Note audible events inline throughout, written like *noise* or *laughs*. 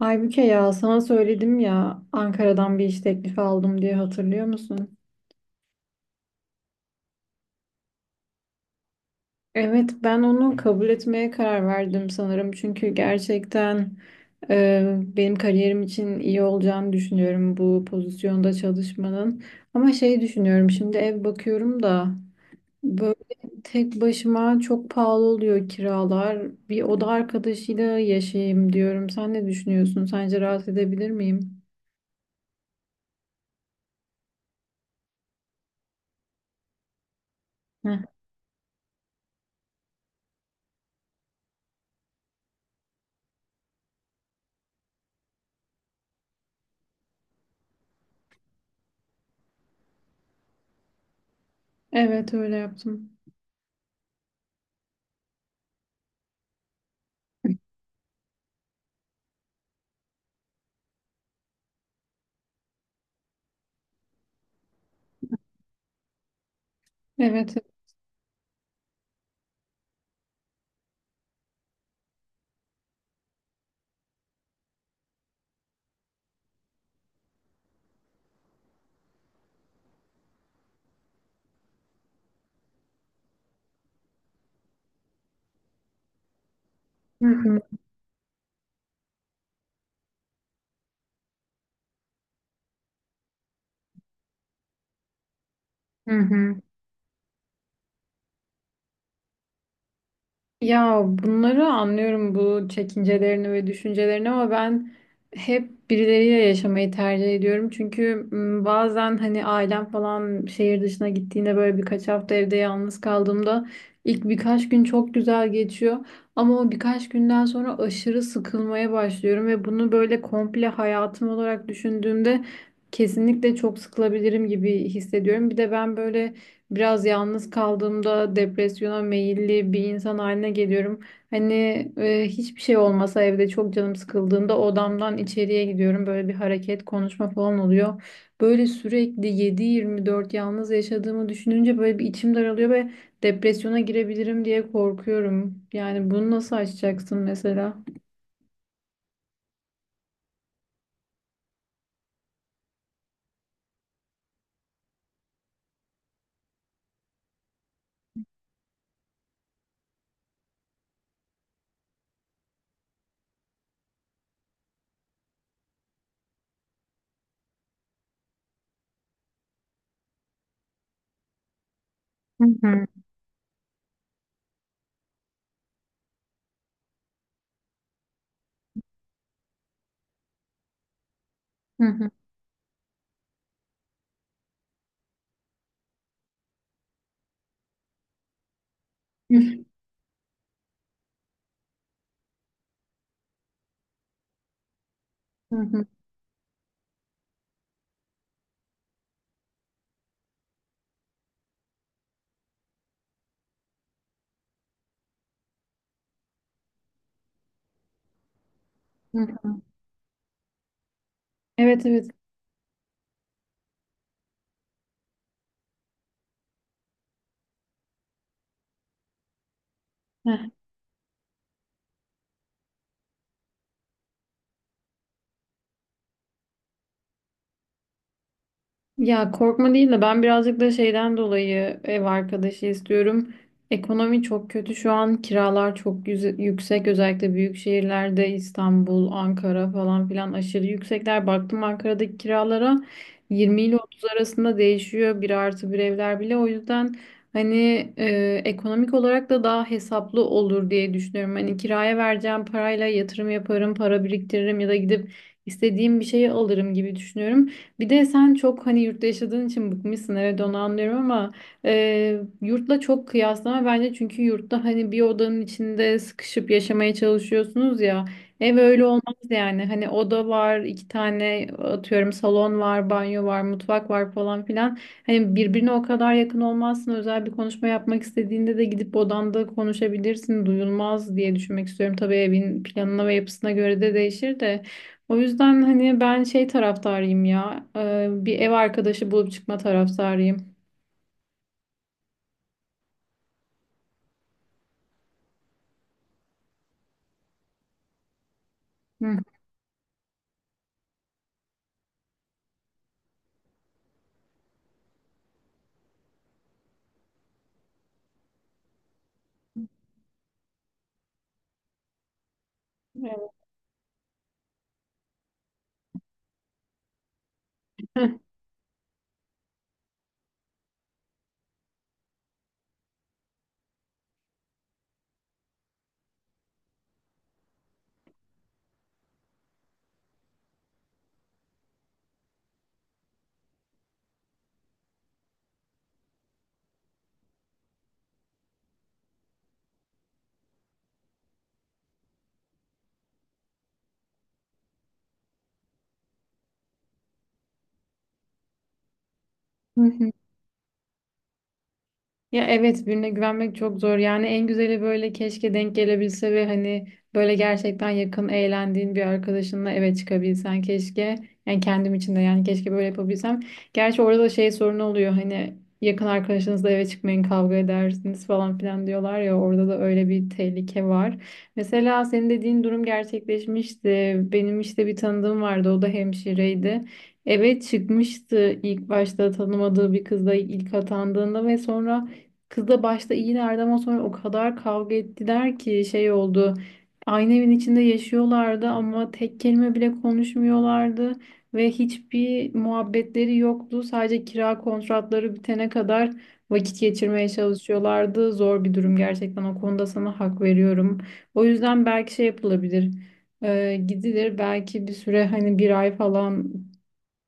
Aybüke, ya sana söyledim ya, Ankara'dan bir iş teklifi aldım diye, hatırlıyor musun? Evet, ben onu kabul etmeye karar verdim sanırım çünkü gerçekten benim kariyerim için iyi olacağını düşünüyorum bu pozisyonda çalışmanın. Ama şey düşünüyorum, şimdi ev bakıyorum da böyle tek başıma çok pahalı oluyor kiralar. Bir oda arkadaşıyla yaşayayım diyorum. Sen ne düşünüyorsun? Sence rahat edebilir miyim? Heh. Evet, öyle yaptım. Evet. Hı hı. Hı hı. Ya, bunları anlıyorum, bu çekincelerini ve düşüncelerini, ama ben hep birileriyle yaşamayı tercih ediyorum. Çünkü bazen hani ailem falan şehir dışına gittiğinde, böyle birkaç hafta evde yalnız kaldığımda ilk birkaç gün çok güzel geçiyor. Ama o birkaç günden sonra aşırı sıkılmaya başlıyorum ve bunu böyle komple hayatım olarak düşündüğümde kesinlikle çok sıkılabilirim gibi hissediyorum. Bir de ben böyle biraz yalnız kaldığımda depresyona meyilli bir insan haline geliyorum. Hani hiçbir şey olmasa evde çok canım sıkıldığında odamdan içeriye gidiyorum. Böyle bir hareket, konuşma falan oluyor. Böyle sürekli 7/24 yalnız yaşadığımı düşününce böyle bir içim daralıyor ve depresyona girebilirim diye korkuyorum. Yani bunu nasıl aşacaksın mesela? Hı hı. Hı hı. *laughs* Hı hı. Hı hı. Evet, evet. Ya, korkma değil de ben birazcık da şeyden dolayı ev arkadaşı istiyorum. Ekonomi çok kötü şu an, kiralar çok yüksek, özellikle büyük şehirlerde İstanbul, Ankara falan filan aşırı yüksekler. Baktım Ankara'daki kiralara 20 ile 30 arasında değişiyor bir artı bir evler bile. O yüzden hani ekonomik olarak da daha hesaplı olur diye düşünüyorum. Hani kiraya vereceğim parayla yatırım yaparım, para biriktiririm ya da gidip istediğim bir şeyi alırım gibi düşünüyorum. Bir de sen çok hani yurtta yaşadığın için bıkmışsın, evet onu anlıyorum ama yurtla çok kıyaslama bence, çünkü yurtta hani bir odanın içinde sıkışıp yaşamaya çalışıyorsunuz ya, ev öyle olmaz yani. Hani oda var iki tane, atıyorum salon var, banyo var, mutfak var falan filan, hani birbirine o kadar yakın olmazsın. Özel bir konuşma yapmak istediğinde de gidip odanda konuşabilirsin, duyulmaz diye düşünmek istiyorum. Tabii evin planına ve yapısına göre de değişir de. O yüzden hani ben şey taraftarıyım ya. Bir ev arkadaşı bulup çıkma taraftarıyım. Hı. Evet. *laughs* Ya, evet, birine güvenmek çok zor. Yani en güzeli böyle, keşke denk gelebilse ve hani böyle gerçekten yakın, eğlendiğin bir arkadaşınla eve çıkabilsen keşke. Yani kendim için de yani, keşke böyle yapabilsem. Gerçi orada da şey sorunu oluyor, hani yakın arkadaşınızla eve çıkmayın, kavga edersiniz falan filan diyorlar ya, orada da öyle bir tehlike var. Mesela senin dediğin durum gerçekleşmişti. Benim işte bir tanıdığım vardı, o da hemşireydi. Eve çıkmıştı ilk başta tanımadığı bir kızla, ilk atandığında, ve sonra kızla başta iyilerdi ama sonra o kadar kavga ettiler ki şey oldu. Aynı evin içinde yaşıyorlardı ama tek kelime bile konuşmuyorlardı ve hiçbir muhabbetleri yoktu. Sadece kira kontratları bitene kadar vakit geçirmeye çalışıyorlardı. Zor bir durum gerçekten, o konuda sana hak veriyorum. O yüzden belki şey yapılabilir. Gidilir belki bir süre, hani bir ay falan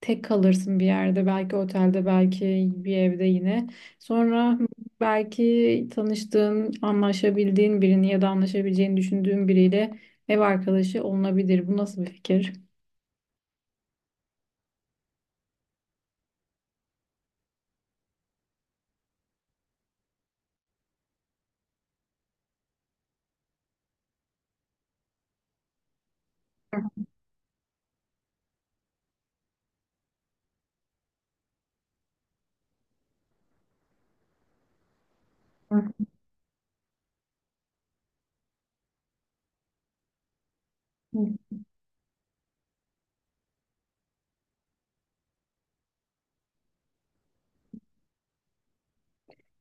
tek kalırsın bir yerde, belki otelde, belki bir evde yine. Sonra belki tanıştığın, anlaşabildiğin birini ya da anlaşabileceğini düşündüğün biriyle ev arkadaşı olunabilir. Bu nasıl bir fikir? Hı.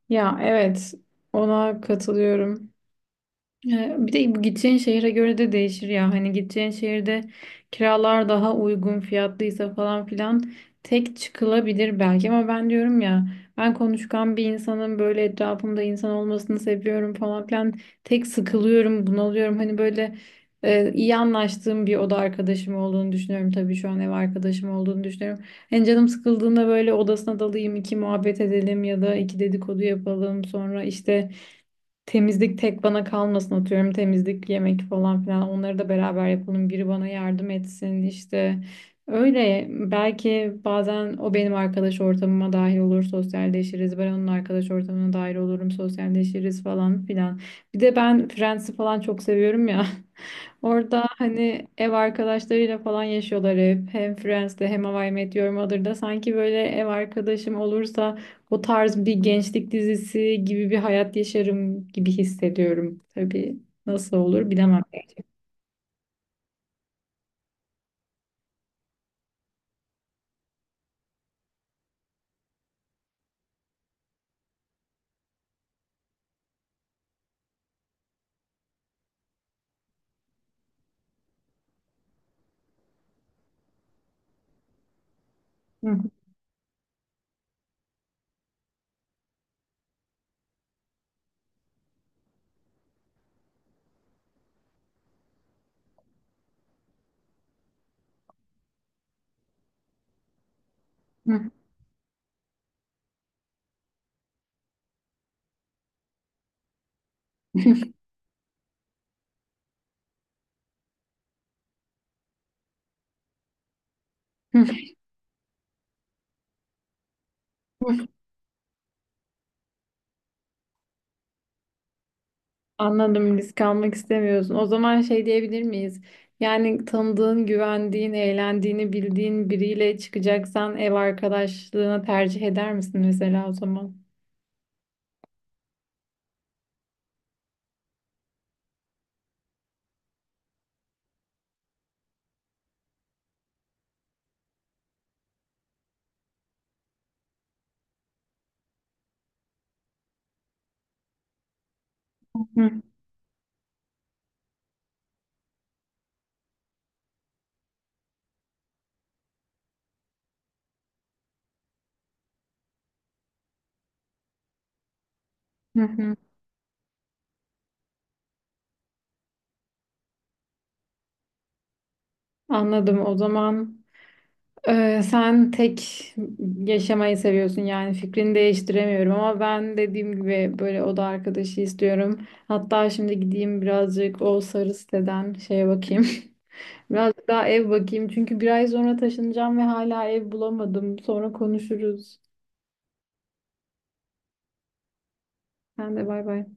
Ya, evet, ona katılıyorum. Bir de bu gideceğin şehire göre de değişir ya. Hani gideceğin şehirde kiralar daha uygun fiyatlıysa falan filan tek çıkılabilir belki, ama ben diyorum ya, ben konuşkan bir insanın, böyle etrafımda insan olmasını seviyorum falan filan. Tek sıkılıyorum, bunalıyorum. Hani böyle iyi anlaştığım bir oda arkadaşım olduğunu düşünüyorum, tabii şu an ev arkadaşım olduğunu düşünüyorum. Hani canım sıkıldığında böyle odasına dalayım, iki muhabbet edelim ya da iki dedikodu yapalım. Sonra işte temizlik tek bana kalmasın, atıyorum temizlik, yemek falan filan, onları da beraber yapalım, biri bana yardım etsin işte. Öyle belki bazen o benim arkadaş ortamıma dahil olur, sosyalleşiriz, ben onun arkadaş ortamına dahil olurum, sosyalleşiriz falan filan. Bir de ben Friends'i falan çok seviyorum ya, orada hani ev arkadaşlarıyla falan yaşıyorlar hep. Hem Friends'te hem How I Met Your Mother'da sanki, böyle ev arkadaşım olursa o tarz bir gençlik dizisi gibi bir hayat yaşarım gibi hissediyorum. Tabii nasıl olur bilemem. *laughs* Anladım, risk almak istemiyorsun. O zaman şey diyebilir miyiz? Yani tanıdığın, güvendiğin, eğlendiğini bildiğin biriyle çıkacaksan ev arkadaşlığına tercih eder misin mesela o zaman? *laughs* Anladım. O zaman sen tek yaşamayı seviyorsun yani, fikrini değiştiremiyorum, ama ben dediğim gibi böyle oda arkadaşı istiyorum. Hatta şimdi gideyim birazcık o sarı siteden şeye bakayım. *laughs* Birazcık daha ev bakayım çünkü bir ay sonra taşınacağım ve hala ev bulamadım. Sonra konuşuruz. Sen de, bay bay.